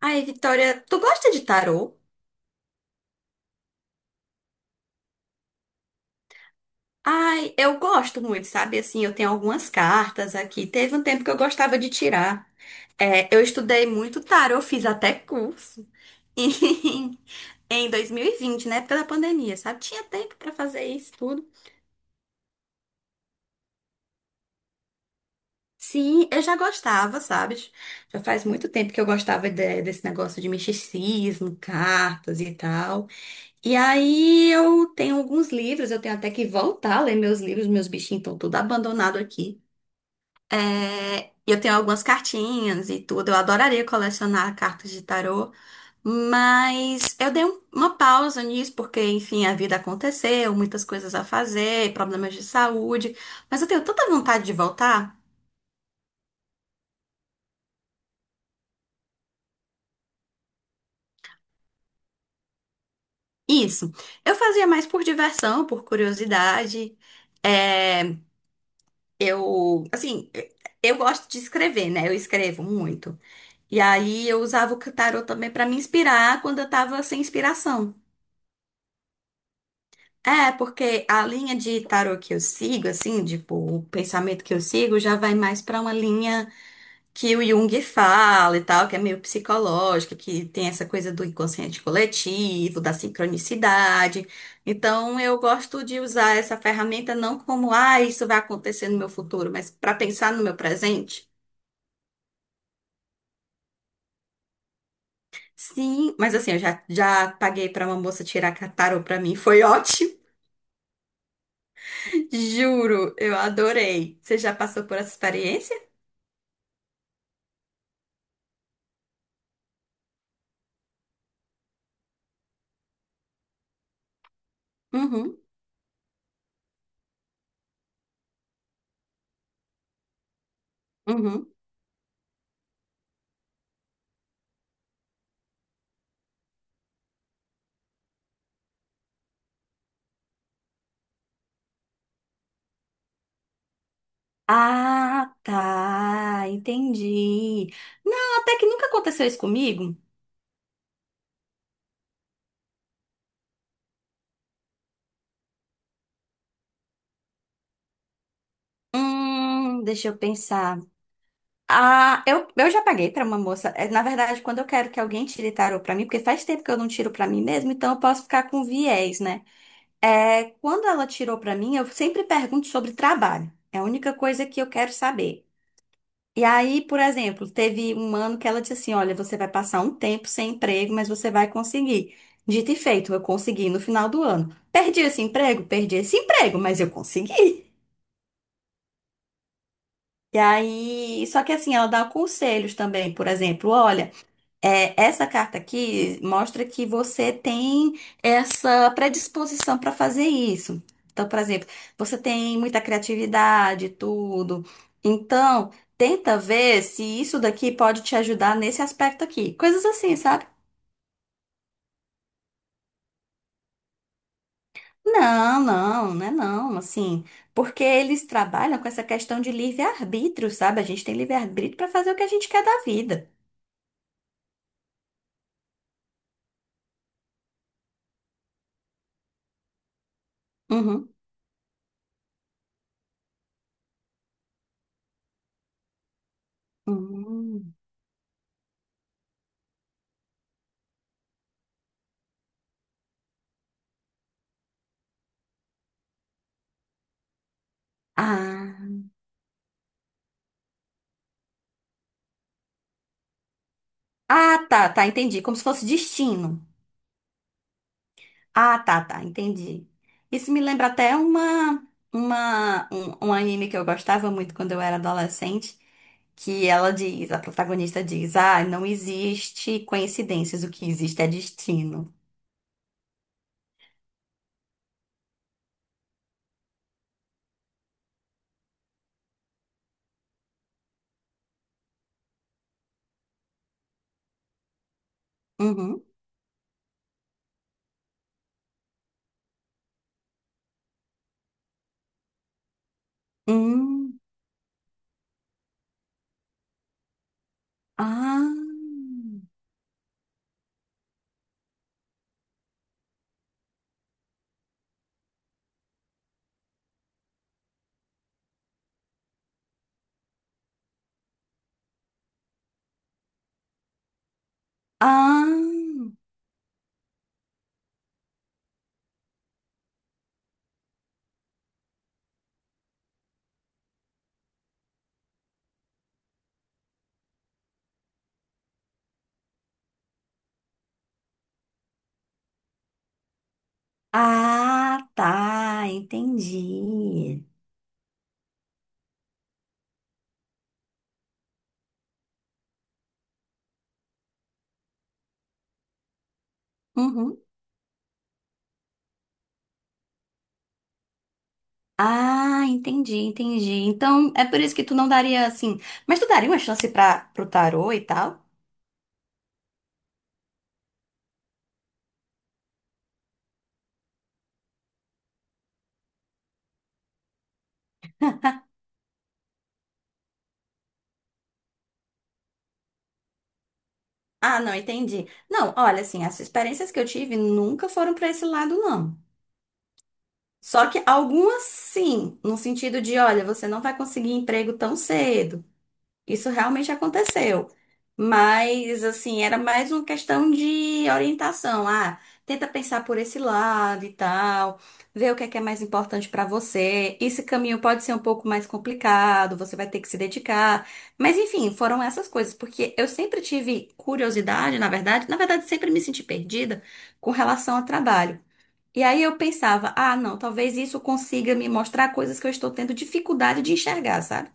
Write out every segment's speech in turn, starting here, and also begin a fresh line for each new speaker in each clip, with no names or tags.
Ai, Vitória, tu gosta de tarô? Ai, eu gosto muito, sabe? Assim, eu tenho algumas cartas aqui. Teve um tempo que eu gostava de tirar. É, eu estudei muito tarô, fiz até curso. Em 2020, na época da pandemia, sabe? Tinha tempo pra fazer isso tudo. Sim, eu já gostava, sabe? Já faz muito tempo que eu desse negócio de misticismo, cartas e tal. E aí eu tenho alguns livros, eu tenho até que voltar a ler meus livros, meus bichinhos estão tudo abandonado aqui. É, eu tenho algumas cartinhas e tudo, eu adoraria colecionar cartas de tarô, mas eu uma pausa nisso porque, enfim, a vida aconteceu, muitas coisas a fazer, problemas de saúde, mas eu tenho tanta vontade de voltar. Isso, eu fazia mais por diversão, por curiosidade. É, eu, assim, eu gosto de escrever, né? Eu escrevo muito. E aí eu usava o tarô também para me inspirar quando eu tava sem inspiração. É, porque a linha de tarô que eu sigo, assim, tipo, o pensamento que eu sigo já vai mais para uma linha que o Jung fala e tal, que é meio psicológica, que tem essa coisa do inconsciente coletivo, da sincronicidade. Então eu gosto de usar essa ferramenta não como, ah, isso vai acontecer no meu futuro, mas para pensar no meu presente. Sim, mas assim, eu já paguei para uma moça tirar tarô para mim, foi ótimo. Juro, eu adorei. Você já passou por essa experiência? Uhum, uhum. Ah, tá, entendi. Não, até que nunca aconteceu isso comigo. Deixa eu pensar. Ah, eu já paguei pra uma moça. É, na verdade, quando eu quero que alguém tire tarô pra mim, porque faz tempo que eu não tiro pra mim mesmo, então eu posso ficar com viés, né? É, quando ela tirou pra mim, eu sempre pergunto sobre trabalho. É a única coisa que eu quero saber. E aí, por exemplo, teve um ano que ela disse assim: olha, você vai passar um tempo sem emprego, mas você vai conseguir. Dito e feito, eu consegui no final do ano. Perdi esse emprego? Perdi esse emprego, mas eu consegui. E aí, só que assim, ela dá conselhos também, por exemplo, olha. É, essa carta aqui mostra que você tem essa predisposição para fazer isso. Então, por exemplo, você tem muita criatividade, e tudo. Então, tenta ver se isso daqui pode te ajudar nesse aspecto aqui. Coisas assim, sabe? Não é não, assim, porque eles trabalham com essa questão de livre-arbítrio, sabe? A gente tem livre-arbítrio para fazer o que a gente quer da vida. Uhum. Hum. Ah. Ah, tá, tá, entendi. Como se fosse destino. Ah, tá, tá, entendi. Isso me lembra até um anime que eu gostava muito quando eu era adolescente, que ela diz, a protagonista diz, ah, não existe coincidências, o que existe é destino. Uhum. Hum. Ah. Ah. Ah, tá, entendi. Uhum. Ah, entendi, entendi. Então, é por isso que tu não daria assim. Mas tu daria uma chance pro tarô e tal? Ah, não, entendi. Não, olha, assim, as experiências que eu tive nunca foram para esse lado, não. Só que algumas sim, no sentido de, olha, você não vai conseguir emprego tão cedo. Isso realmente aconteceu. Mas, assim, era mais uma questão de orientação. Ah, tenta pensar por esse lado e tal, ver o que é mais importante pra você. Esse caminho pode ser um pouco mais complicado, você vai ter que se dedicar. Mas, enfim, foram essas coisas, porque eu sempre tive curiosidade, na verdade, sempre me senti perdida com relação ao trabalho. E aí eu pensava, ah, não, talvez isso consiga me mostrar coisas que eu estou tendo dificuldade de enxergar, sabe?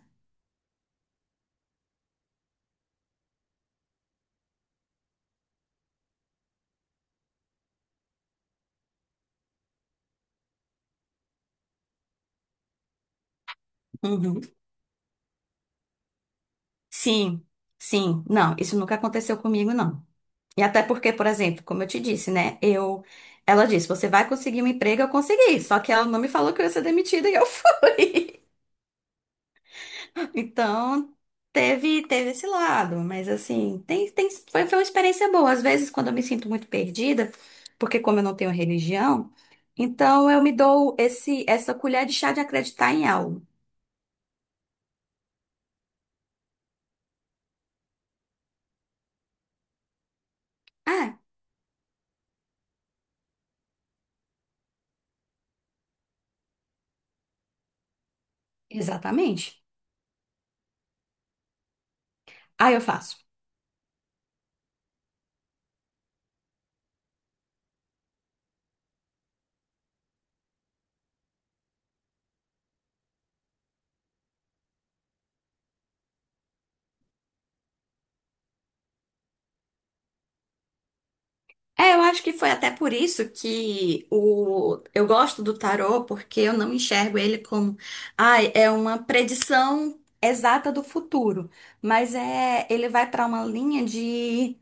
Uhum. Sim, sim, não, isso nunca aconteceu comigo, não. E até porque, por exemplo, como eu te disse, né? Eu, ela disse, você vai conseguir um emprego, eu consegui. Só que ela não me falou que eu ia ser demitida e eu fui. Então, teve esse lado, mas assim, foi uma experiência boa. Às vezes, quando eu me sinto muito perdida, porque como eu não tenho religião, então eu me dou essa colher de chá de acreditar em algo. Ah, exatamente. Aí eu faço. É, eu acho que foi até por isso que eu gosto do tarô, porque eu não enxergo ele como, ai, é uma predição exata do futuro, mas é, ele vai para uma linha de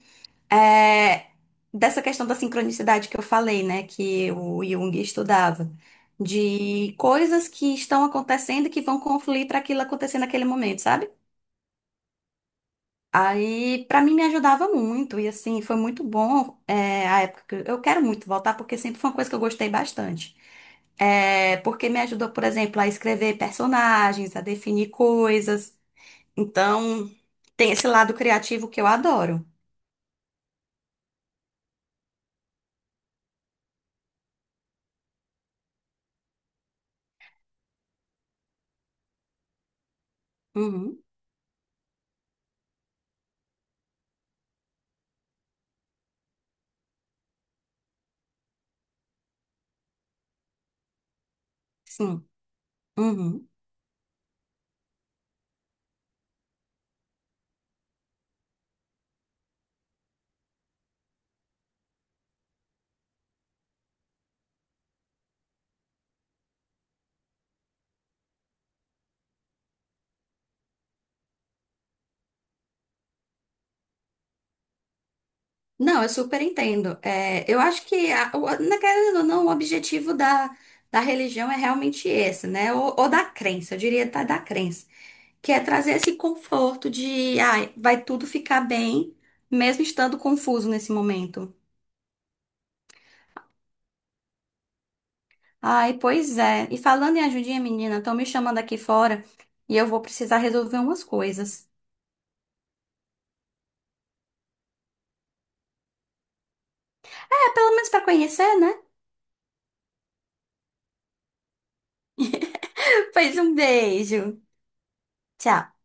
é, dessa questão da sincronicidade que eu falei, né, que o Jung estudava, de coisas que estão acontecendo e que vão confluir para aquilo acontecer naquele momento, sabe? Aí, pra mim, me ajudava muito. E, assim, foi muito bom é, a época que eu quero muito voltar, porque sempre foi uma coisa que eu gostei bastante. É, porque me ajudou, por exemplo, a escrever personagens, a definir coisas. Então, tem esse lado criativo que eu adoro. Uhum, sim. Uhum. Não, eu super entendo. É, eu acho que, a, o, na querendo ou não, o objetivo da religião é realmente esse, né? Ou da crença, eu diria tá, da crença, que é trazer esse conforto de, ai, vai tudo ficar bem, mesmo estando confuso nesse momento. Ai, pois é. E falando em ajudinha, menina, estão me chamando aqui fora e eu vou precisar resolver umas coisas. É, pelo menos para conhecer, né? Pois um beijo. Tchau.